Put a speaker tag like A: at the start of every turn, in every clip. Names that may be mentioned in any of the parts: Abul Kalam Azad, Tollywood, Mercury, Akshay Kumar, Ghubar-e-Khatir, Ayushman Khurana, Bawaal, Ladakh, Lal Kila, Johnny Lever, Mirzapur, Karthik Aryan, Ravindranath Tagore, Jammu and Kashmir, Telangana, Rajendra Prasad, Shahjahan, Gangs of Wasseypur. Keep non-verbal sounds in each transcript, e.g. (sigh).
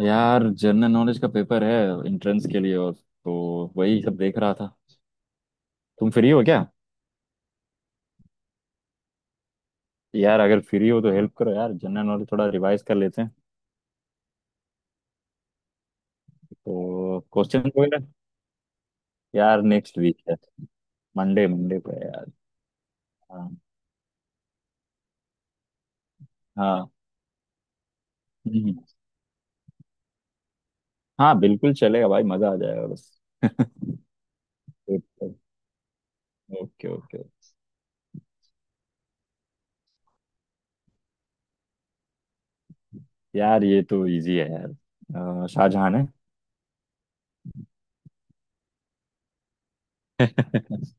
A: यार general knowledge का paper है एंट्रेंस के लिए और तो वही सब देख रहा था। तुम फ्री हो क्या? यार अगर फ्री हो तो हेल्प करो यार, जनरल नॉलेज थोड़ा रिवाइज कर लेते हैं। तो क्वेश्चन वगैरह। यार नेक्स्ट वीक है। मंडे, मंडे को है यार। हाँ। हाँ। हम्म, हाँ बिल्कुल चलेगा भाई, मजा आ जाएगा बस। Okay okay. यार ये तो इजी है यार। शाहजहां है। (laughs)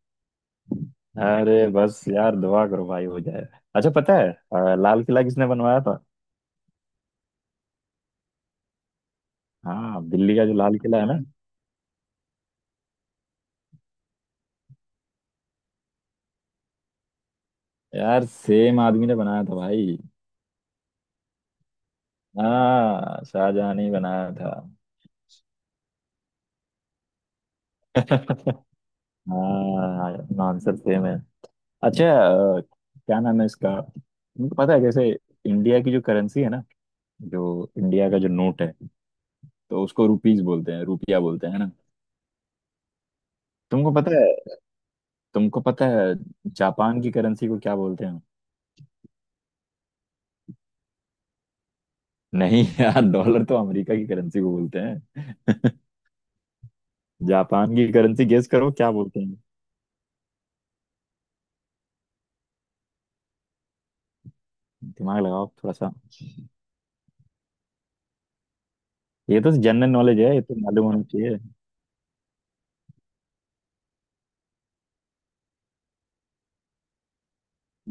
A: अरे बस यार दुआ करो भाई हो जाए। अच्छा पता है, लाल किला किसने बनवाया था? हाँ, दिल्ली का जो लाल किला है ना। यार सेम आदमी ने बनाया था भाई। हाँ शाहजहां ने ही बनाया था। (laughs) हाँ आंसर सेम है। अच्छा। अ, क्या नाम है इसका, तुमको पता है कैसे? इंडिया की जो करेंसी है ना, जो इंडिया का जो नोट है, तो उसको रुपीज बोलते हैं, रुपया बोलते हैं है ना। तुमको पता है तुमको पता है जापान की करेंसी को क्या बोलते हैं? नहीं यार, डॉलर तो अमेरिका की करेंसी को बोलते हैं। जापान की करेंसी गेस करो क्या बोलते हैं। दिमाग लगाओ थोड़ा सा। ये तो जनरल नॉलेज है, ये तो मालूम होना चाहिए।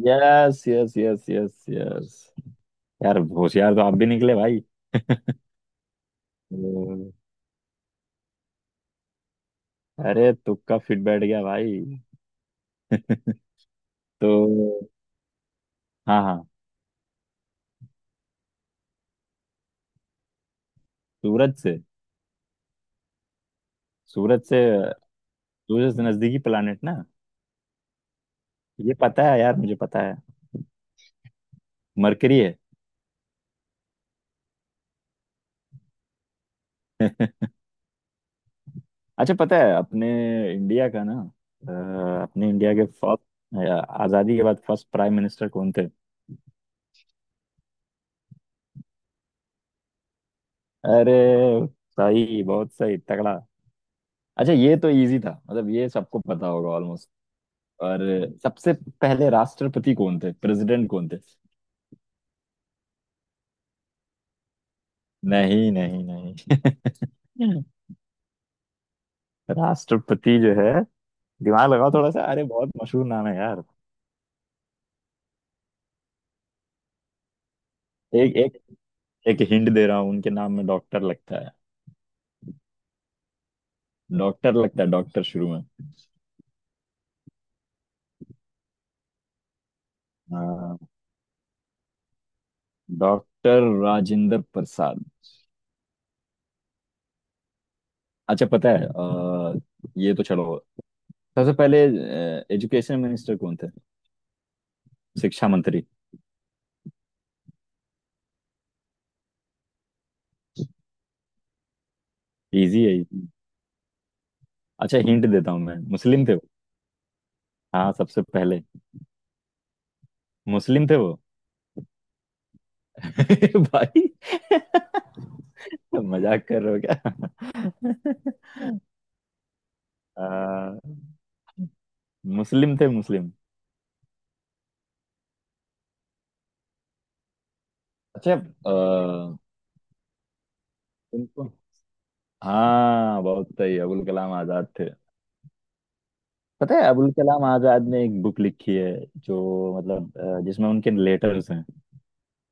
A: Yes yes yes yes yes. यार होशियार तो आप भी निकले भाई। तो, अरे तुक्का फिट बैठ गया भाई। तो हाँ हाँ। सूरज से सूरज से सूरज से नजदीकी प्लानिट ना। ये पता है यार, मुझे पता है। मरकरी है। अच्छा पता है अपने इंडिया का ना, अपने इंडिया के फर्स्ट, आजादी के बाद फर्स्ट प्राइम मिनिस्टर कौन थे? अरे सही, बहुत सही, तगड़ा। अच्छा ये तो इजी था, मतलब ये सबको पता होगा ऑलमोस्ट। और सबसे पहले राष्ट्रपति कौन थे, प्रेसिडेंट कौन थे? नहीं नहीं नहीं। (laughs) राष्ट्रपति जो है, दिमाग लगाओ थोड़ा सा, अरे बहुत मशहूर नाम है यार। एक एक एक हिंट दे रहा हूँ, उनके नाम में डॉक्टर लगता है। डॉक्टर लगता है, डॉक्टर शुरू में। हाँ, डॉक्टर राजेंद्र प्रसाद। अच्छा पता है, ये तो छोड़ो। सबसे पहले एजुकेशन मिनिस्टर कौन थे, शिक्षा मंत्री? इजी है, इजी। अच्छा हिंट देता हूँ मैं, मुस्लिम थे। हाँ सबसे पहले मुस्लिम थे वो। (laughs) भाई (laughs) मजाक कर रहे हो क्या? (laughs) आ, मुस्लिम थे, मुस्लिम। अच्छा तुमको, हाँ बहुत सही, अबुल कलाम आजाद थे। पता है अबुल कलाम आजाद ने एक बुक लिखी है, जो मतलब जिसमें उनके लेटर्स हैं।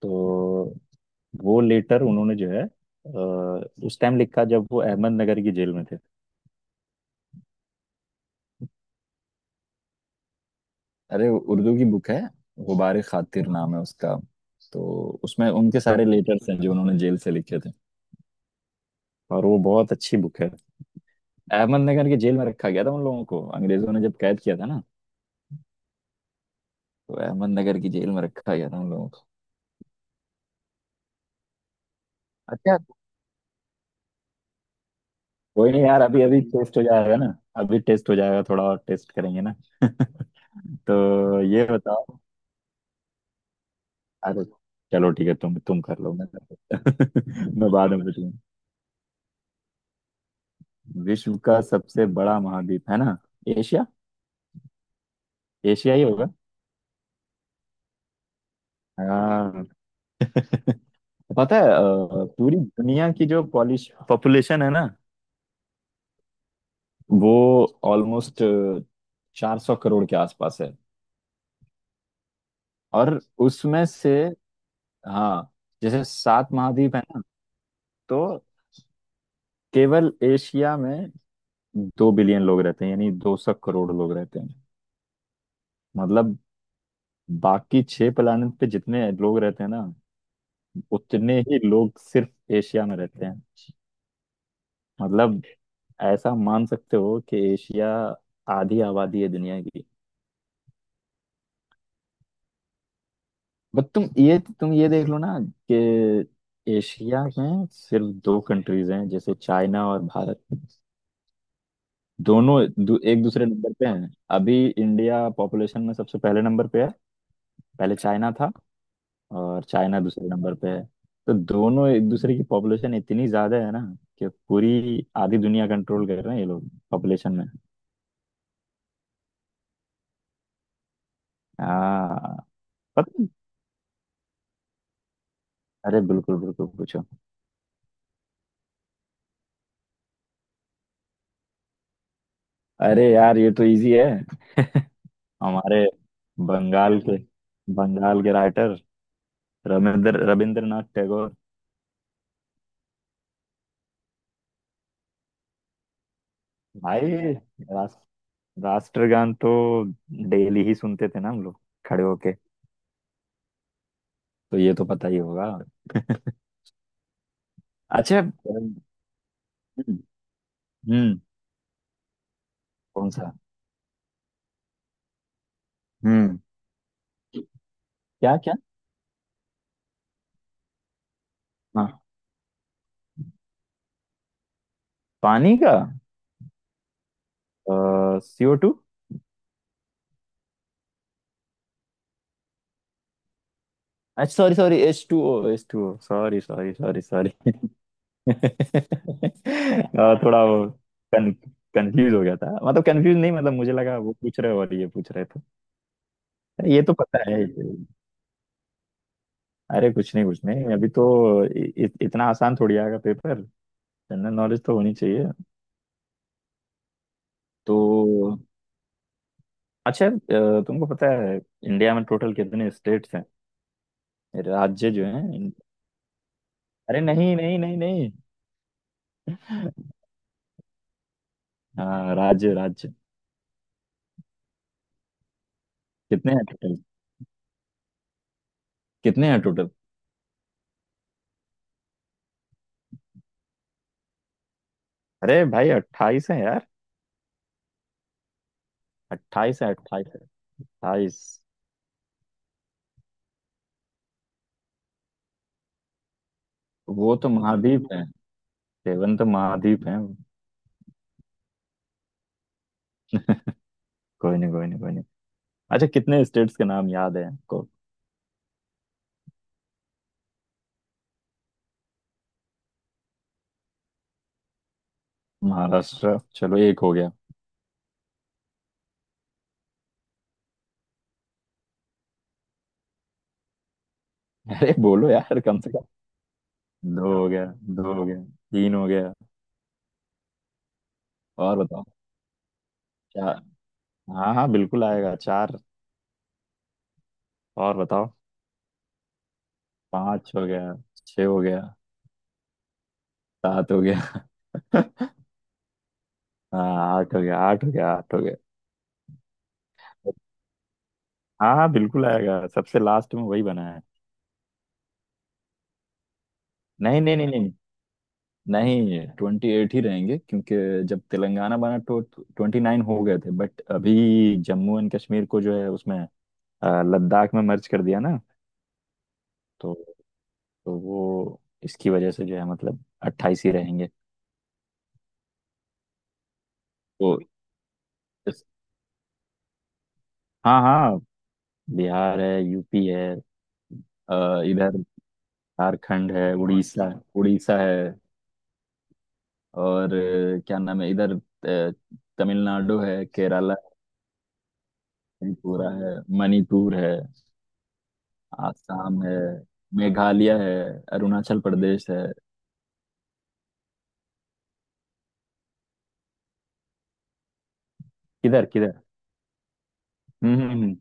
A: तो वो लेटर उन्होंने जो है, उस टाइम लिखा जब वो अहमदनगर की जेल में थे। अरे उर्दू की बुक है। गुबार खातिर नाम है उसका। तो उसमें उनके सारे लेटर्स हैं जो उन्होंने जेल से लिखे थे। और वो बहुत अच्छी बुक है। अहमदनगर की जेल में रखा गया था उन लोगों को, अंग्रेजों ने जब कैद किया था ना। तो अहमदनगर की जेल में रखा गया था उन लोगों को। अच्छा। कोई नहीं यार, अभी अभी टेस्ट हो जाएगा ना। अभी टेस्ट हो जाएगा, थोड़ा और टेस्ट करेंगे ना। (laughs) तो ये बताओ। अरे चलो ठीक है, तुम कर लो, मैं। (laughs) मैं बाद में पूछूंगा। विश्व का सबसे बड़ा महाद्वीप है ना? एशिया। एशिया ही होगा। हाँ। पता है, पूरी दुनिया की जो पॉलिश पॉपुलेशन है ना, वो ऑलमोस्ट 400 करोड़ के आसपास है। और उसमें से, हाँ, जैसे सात महाद्वीप है ना, तो केवल एशिया में 2 बिलियन लोग रहते हैं, यानी 200 करोड़ लोग रहते हैं। मतलब बाकी छह प्लेनेट पे जितने लोग रहते हैं ना, उतने ही लोग सिर्फ एशिया में रहते हैं। मतलब ऐसा मान सकते हो कि एशिया आधी आबादी है दुनिया। बट तुम ये देख लो ना कि एशिया में सिर्फ दो कंट्रीज हैं, जैसे चाइना और भारत। दोनों एक दूसरे नंबर पे हैं। अभी इंडिया पॉपुलेशन में सबसे पहले नंबर पे है, पहले चाइना था, और चाइना दूसरे नंबर पे है। तो दोनों एक दूसरे की पॉपुलेशन इतनी ज्यादा है ना, कि पूरी आधी दुनिया कंट्रोल कर रहे हैं ये लोग पॉपुलेशन में। हाँ पता नहीं। अरे बिल्कुल बिल्कुल पूछो। अरे यार ये तो इजी है। (laughs) हमारे बंगाल के बंगाल के राइटर रविंद्रनाथ टैगोर। भाई रास, राष्ट्रगान तो डेली ही सुनते थे ना हम लोग, खड़े होके। तो ये तो पता ही होगा। (laughs) अच्छा। हम्म, कौन सा? हम्म क्या क्या? हाँ, पानी का CO2। अच्छा sorry sorry, H2O, H2O, sorry sorry sorry sorry. (laughs) और थोड़ा वो कन, कंफ्यूज हो गया था, मतलब कंफ्यूज नहीं, मतलब मुझे लगा वो पूछ रहे हो और ये पूछ रहे थे। ये तो पता है। अरे कुछ नहीं कुछ नहीं, अभी तो इ, इ, इतना आसान थोड़ी आएगा पेपर। जनरल नॉलेज तो होनी चाहिए। तो अच्छा, तुमको पता है इंडिया में टोटल कितने स्टेट्स हैं, राज्य जो हैं? अरे नहीं नहीं नहीं नहीं। हाँ, राज्य राज्य, कितने हैं टोटल? कितने हैं टोटल? अरे भाई 28 है यार। 28 है, 28 है, 28। वो तो महाद्वीप है, सेवन तो महाद्वीप है। कोई नहीं कोई नहीं कोई नहीं। अच्छा कितने स्टेट्स के नाम याद है आपको? महाराष्ट्र, चलो एक हो गया। (laughs) अरे बोलो यार कम से कम। दो हो गया, दो हो गया, तीन हो गया। और बताओ। चार। हाँ हाँ बिल्कुल आएगा, चार। और बताओ। पांच हो गया, छह हो गया, सात हो गया। (laughs) हाँ आठ हो गया, आठ हो गया, आठ हो गया। हाँ हाँ बिल्कुल आएगा, सबसे लास्ट में वही बना है। नहीं नहीं नहीं नहीं। नहीं, 28 ही रहेंगे, क्योंकि जब तेलंगाना बना तो 29 हो गए थे, बट अभी जम्मू एंड कश्मीर को जो है उसमें लद्दाख में मर्ज कर दिया ना। तो तो वो इसकी वजह से जो है, मतलब 28 ही रहेंगे। तो इस- हाँ हाँ, बिहार है, यूपी है। इधर झारखंड है, उड़ीसा, उड़ीसा है। और क्या नाम है इधर? तमिलनाडु है, केरला है, त्रिपुरा है, मणिपुर है, आसाम है, मेघालय है, अरुणाचल प्रदेश है। किधर किधर? हम्म हम्म हम्म।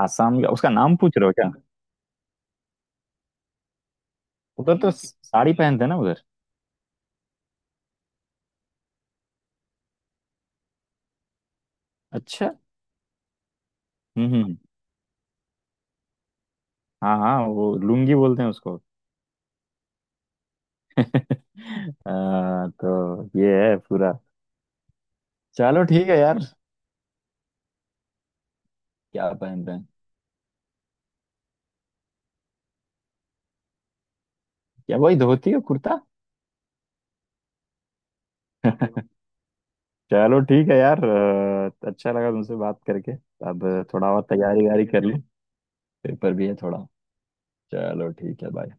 A: आसाम का उसका नाम पूछ रहे हो क्या? उधर तो साड़ी पहनते हैं ना उधर। अच्छा। हम्म हम्म। हाँ हाँ, वो लुंगी बोलते हैं उसको। (laughs) तो ये है पूरा। चलो ठीक है यार। क्या पहनते हैं? क्या वही धोती और कुर्ता? चलो ठीक है यार, अच्छा लगा तुमसे बात करके। अब थोड़ा और तैयारी वैयारी कर ली, पेपर भी है थोड़ा। चलो ठीक है, बाय।